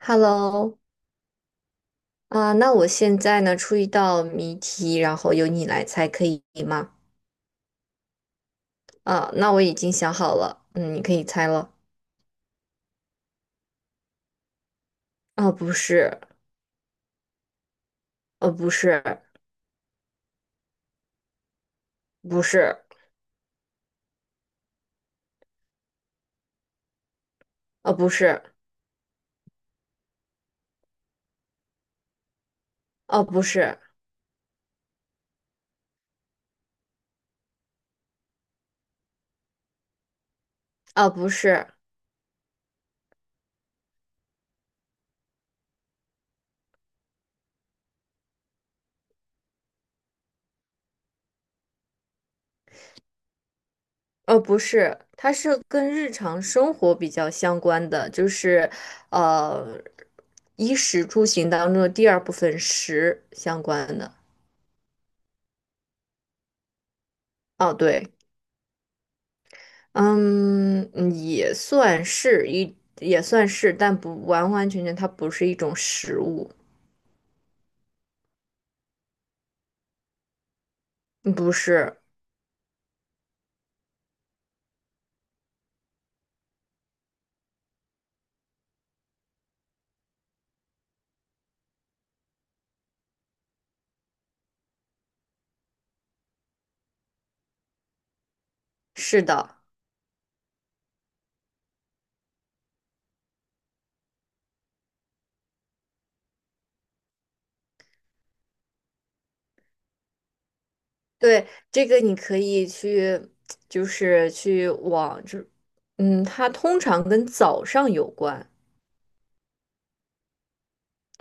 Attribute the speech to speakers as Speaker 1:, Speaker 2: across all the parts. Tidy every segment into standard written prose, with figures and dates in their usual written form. Speaker 1: Hello,那我现在呢出一道谜题，然后由你来猜，可以吗？那我已经想好了，你可以猜了。不是，不是，不是，不是，不是，不是，不是，它是跟日常生活比较相关的，就是呃，衣食住行当中的第二部分食相关的。哦，对。嗯，嗯也算是一，也算是，但不完完全全，它不是一种食物，嗯不是，是的，对，这个你可以去，就是去往，就，嗯，它通常跟早上有关，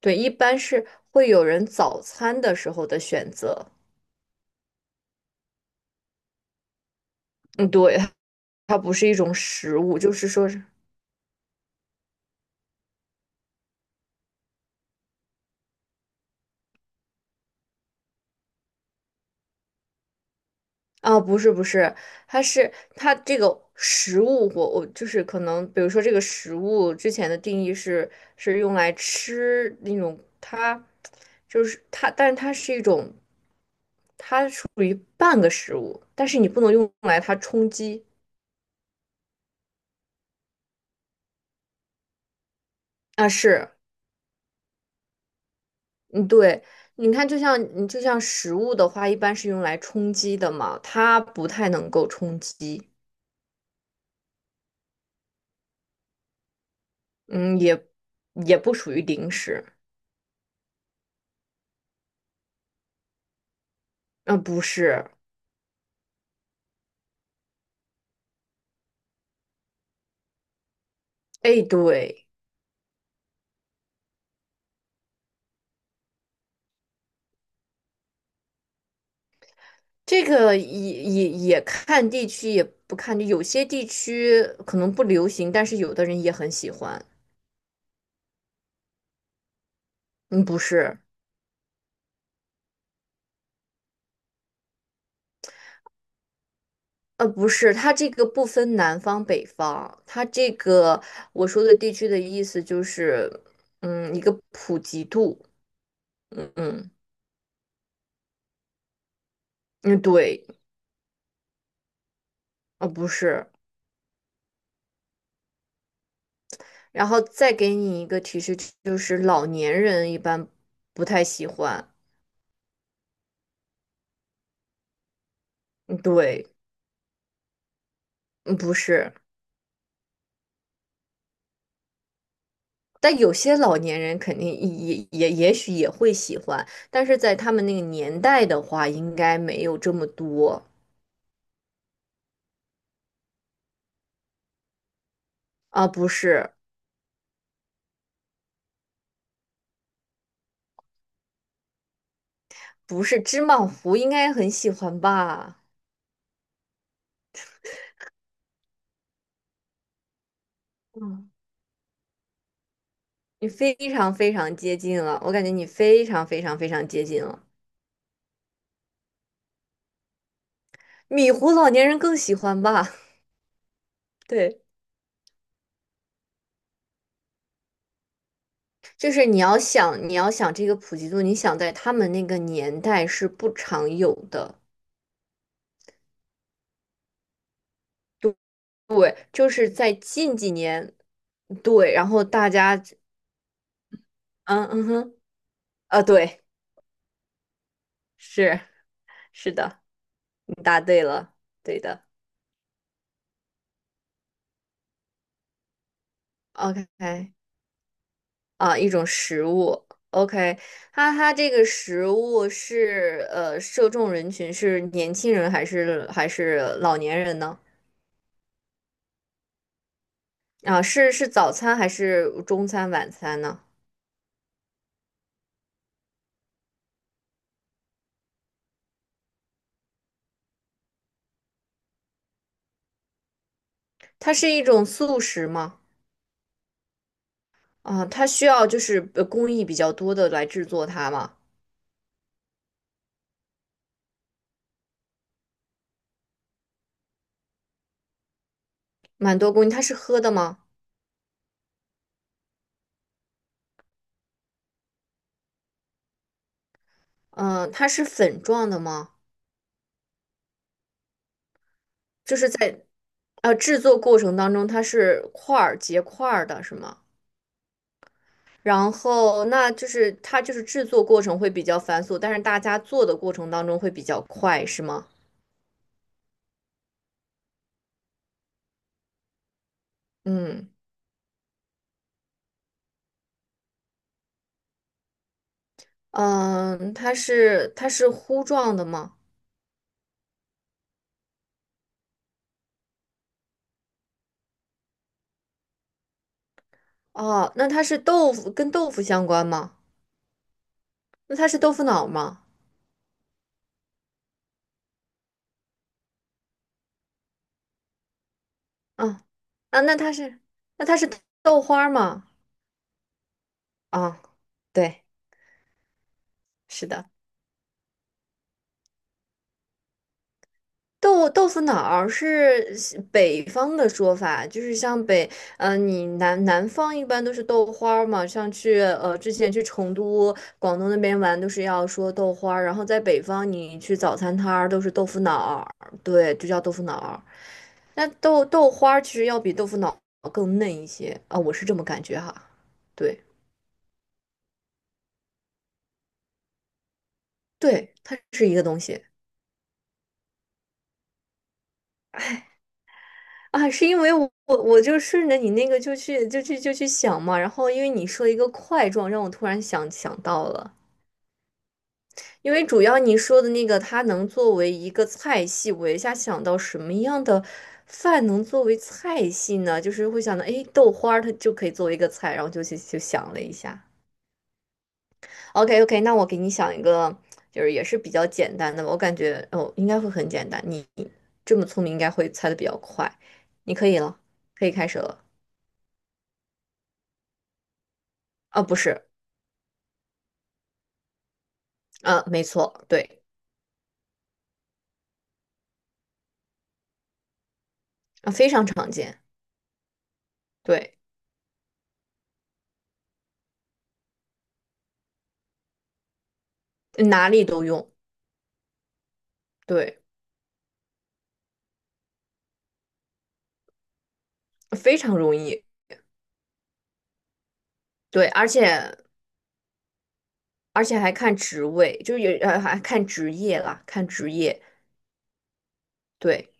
Speaker 1: 对，一般是会有人早餐的时候的选择，嗯，对，它不是一种食物，就是说是。不是，它这个食物，我就是可能，比如说这个食物之前的定义是是用来吃那种，它就是它，但是它是一种属于半个食物，但是你不能用来它充饥。是，嗯，对，你看，就像食物的话，一般是用来充饥的嘛，它不太能够充饥，嗯，也也不属于零食，不是，对。这个也看地区，也不看地，有些地区可能不流行，但是有的人也很喜欢。嗯，不是，不是，它这个不分南方北方，它这个我说的地区的意思就是，嗯，一个普及度。嗯嗯，对，不是。然后再给你一个提示，就是老年人一般不太喜欢。嗯，对，嗯，不是。但有些老年人肯定也也许也会喜欢，但是在他们那个年代的话，应该没有这么多。啊。不是，不是芝麻糊应该很喜欢吧？嗯，你非常非常接近了，我感觉你非常非常接近了。米糊老年人更喜欢吧？对，就是你要想，你要想这个普及度，你想在他们那个年代是不常有的。对，就是在近几年，对，然后大家嗯对，是是的，你答对了，对的，OK,一种食物，OK,它这个食物是受众人群是年轻人还是老年人呢？是是早餐还是中餐晚餐呢？它是一种速食吗？它需要就是工艺比较多的来制作它吗？蛮多工艺，它是喝的吗？嗯、它是粉状的吗？就是在。制作过程当中它是结块儿的，是吗？然后那就是它就是制作过程会比较繁琐，但是大家做的过程当中会比较快，是吗？嗯嗯，它是糊状的吗？哦，那它是豆腐相关吗？那它是豆腐脑吗？啊那它是那它是豆花吗？啊，对，是的。豆腐脑儿是西北方的说法，就是像北，你南方一般都是豆花儿嘛，像去之前去成都、广东那边玩都是要说豆花儿，然后在北方你去早餐摊儿都是豆腐脑儿，对，就叫豆腐脑儿。那豆花儿其实要比豆腐脑儿更嫩一些啊，我是这么感觉哈。对，对，它是一个东西。是因为我就顺着你那个就去想嘛，然后因为你说一个块状，让我突然想到了，因为主要你说的那个它能作为一个菜系，我一下想到什么样的饭能作为菜系呢？就是会想到，豆花儿它就可以作为一个菜，然后就想了一下。OK, OK,那我给你想一个，就是也是比较简单的吧，我感觉应该会很简单，你这么聪明应该会猜的比较快，你可以了，可以开始了。不是，嗯，没错，对，非常常见，对，哪里都用，对，非常容易，对，而且还看职位，就是也还看职业啦，看职业，对，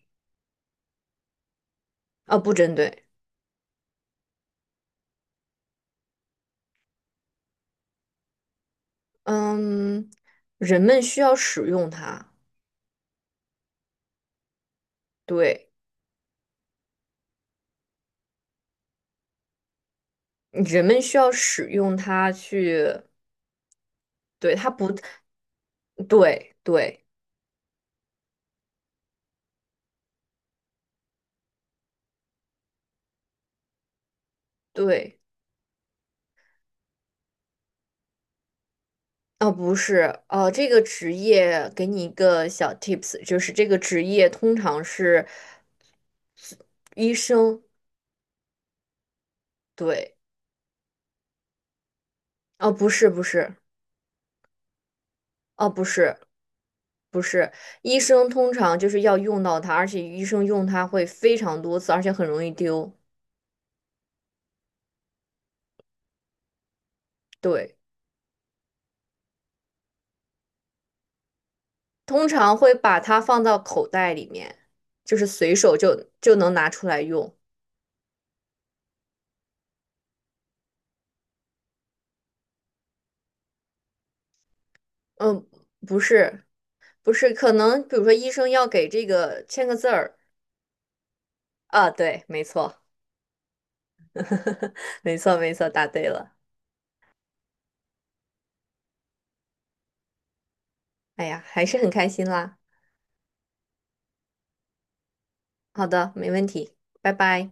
Speaker 1: 不针对，嗯，人们需要使用它，对，人们需要使用它去，对，它不，对对。哦，不是，这个职业给你一个小 tips,就是这个职业通常是医生，对，哦，不是，不是，哦，不是，不是，医生通常就是要用到它，而且医生用它会非常多次，而且很容易丢，对，通常会把它放到口袋里面，就是随手就能拿出来用，嗯，不是，不是，可能比如说医生要给这个签个字儿，对，没错。没错，没错，答对了。哎呀，还是很开心啦。好的，没问题，拜拜。